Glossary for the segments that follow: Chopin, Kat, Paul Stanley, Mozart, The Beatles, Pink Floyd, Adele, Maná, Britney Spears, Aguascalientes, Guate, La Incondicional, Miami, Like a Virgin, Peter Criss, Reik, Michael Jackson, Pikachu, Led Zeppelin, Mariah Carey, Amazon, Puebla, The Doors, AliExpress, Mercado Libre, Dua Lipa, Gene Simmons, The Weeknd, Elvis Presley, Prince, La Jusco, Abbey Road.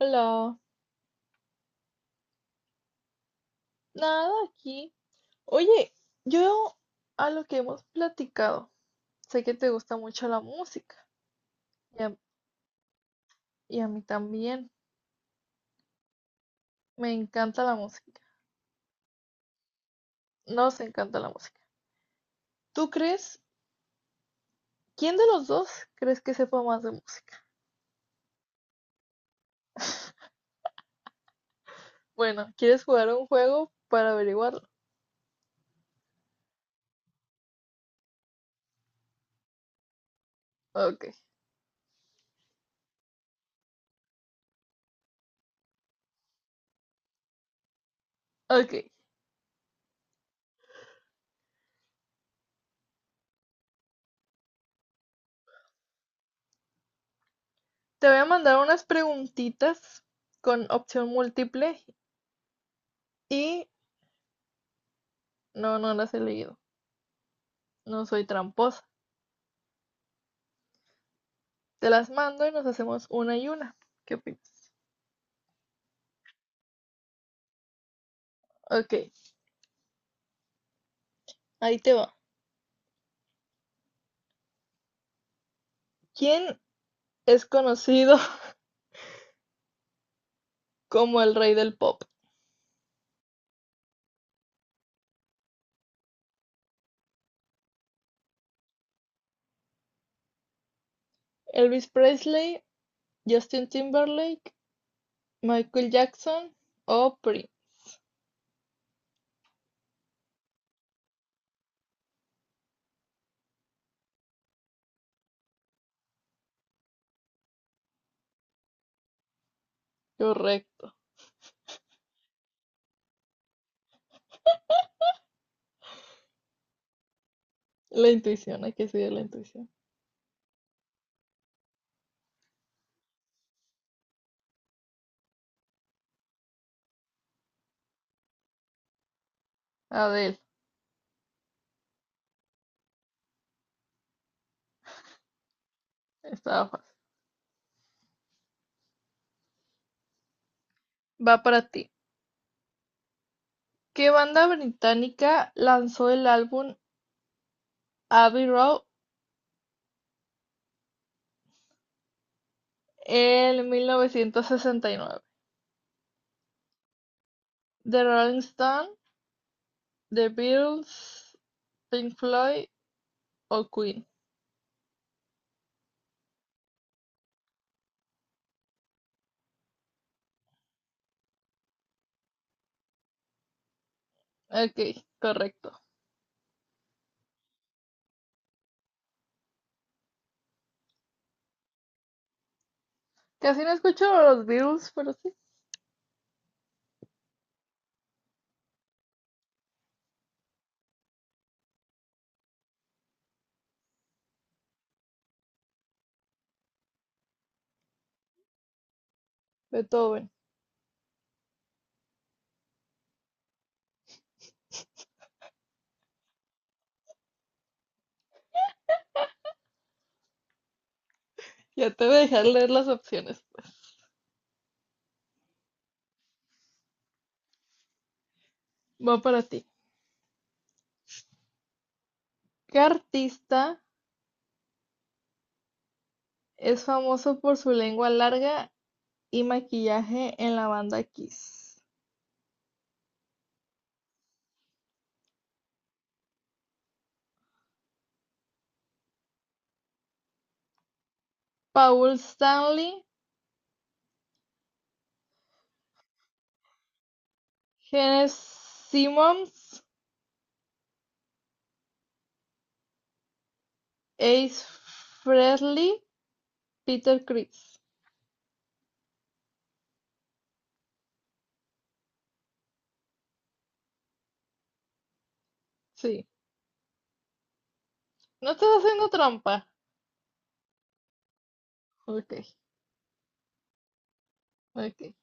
Hola, nada aquí. Oye, yo a lo que hemos platicado, sé que te gusta mucho la música y a, y a mí también. Me encanta la música, nos encanta la música. ¿Tú crees, quién de los dos crees que sepa más de música? Bueno, ¿quieres jugar a un juego para averiguarlo? Ok, ok. Te voy a mandar unas preguntitas con opción múltiple y no las he leído. No soy tramposa. Te las mando y nos hacemos una y una. ¿Qué opinas? Ok, ahí te va. ¿Quién es conocido como el rey del pop? Elvis Presley, Justin Timberlake, Michael Jackson o Prince. Correcto. La intuición, hay que seguir la intuición. Adele, estaba fácil. Va para ti. ¿Qué banda británica lanzó el álbum Abbey Road en 1969? The Rolling Stones, The Beatles, Pink Floyd o Queen. Ok, correcto. Casi no escucho los Beatles, pero sí. Beethoven. Ya te voy a dejar leer las opciones. Va para ti. ¿Qué artista es famoso por su lengua larga y maquillaje en la banda Kiss? Paul Stanley, Gene Simmons, Ace Frehley, Peter Criss. Sí. No estás haciendo trampa. Ok, ok.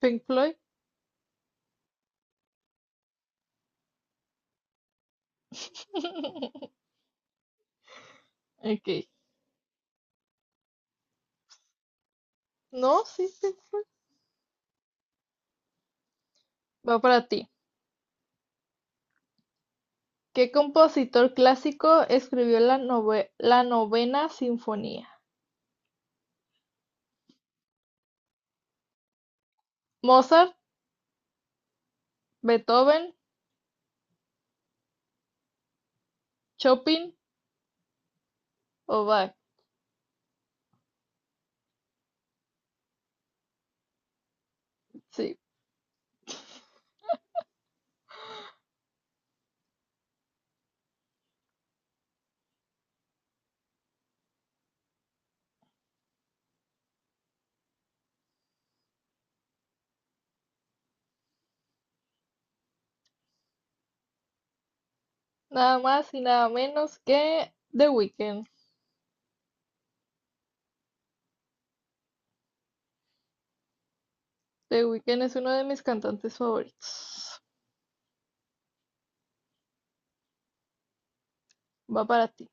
Pink Floyd. Ok. No, sí, Pink Floyd. Va para ti. ¿Qué compositor clásico escribió la la Novena Sinfonía? ¿Mozart, Beethoven, Chopin o Bach? Sí, nada más y nada menos que The Weeknd. The Weeknd es uno de mis cantantes favoritos. Va para ti.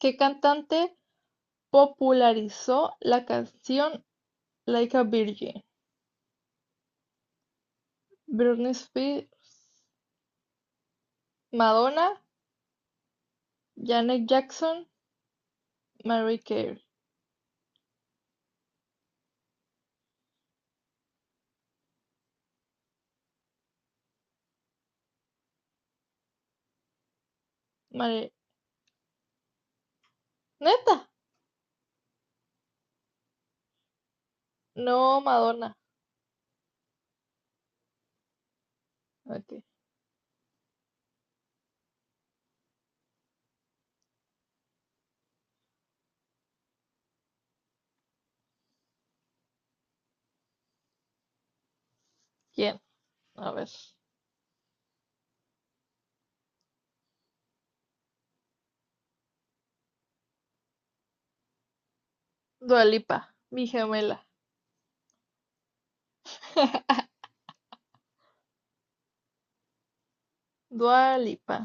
¿Qué cantante popularizó la canción Like a Virgin? Britney Spears, Madonna, Janet Jackson, Mariah Carey. Mari- ¿Neta? No, Madonna. Ok. ¿Quién? A ver. Dua Lipa, mi gemela. Dua Lipa.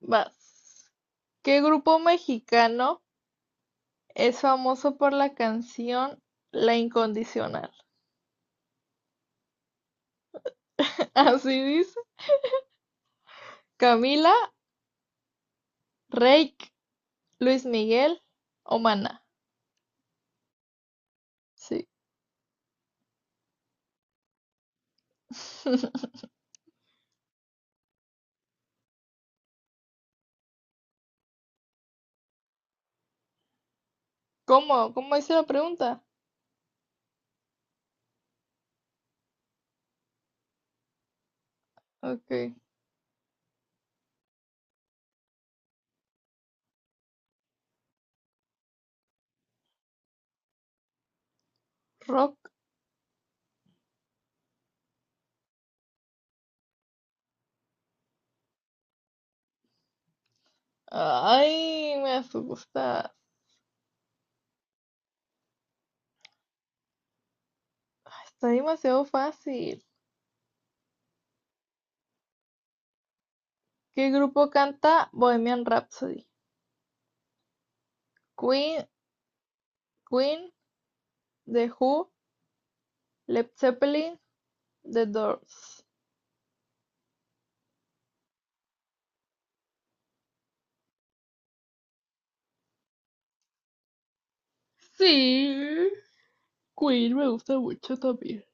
Vas. ¿Qué grupo mexicano es famoso por la canción La Incondicional? Así dice. Camila, Reik, Luis Miguel o Maná. Sí. ¿Cómo? ¿Cómo hice la pregunta? Ok. Rock. Ay, me asusta. Está demasiado fácil. ¿Qué grupo canta Bohemian Rhapsody? Queen, Queen, The Who, Led Zeppelin, The Doors. Sí. Queen me gusta mucho también.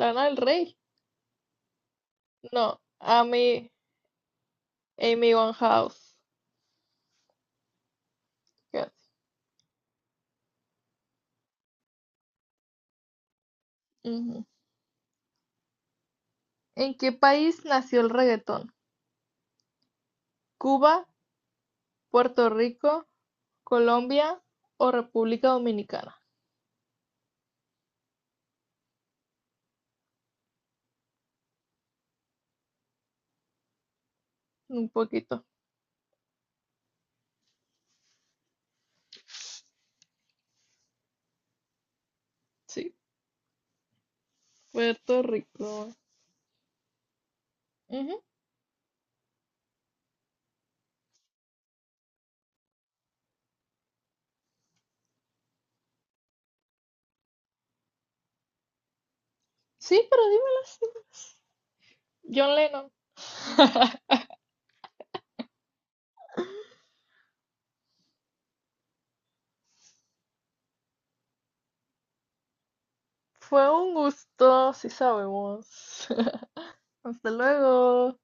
Lana del Rey. No, Amy, Amy Winehouse. Casi. Ujú. ¿En qué país nació el reggaetón? ¿Cuba, Puerto Rico, Colombia o República Dominicana? Un poquito. Sí, Puerto Rico. Ujú. Sí, pero dímelas. John Lennon. Fue un gusto, sí sabemos. Hasta luego.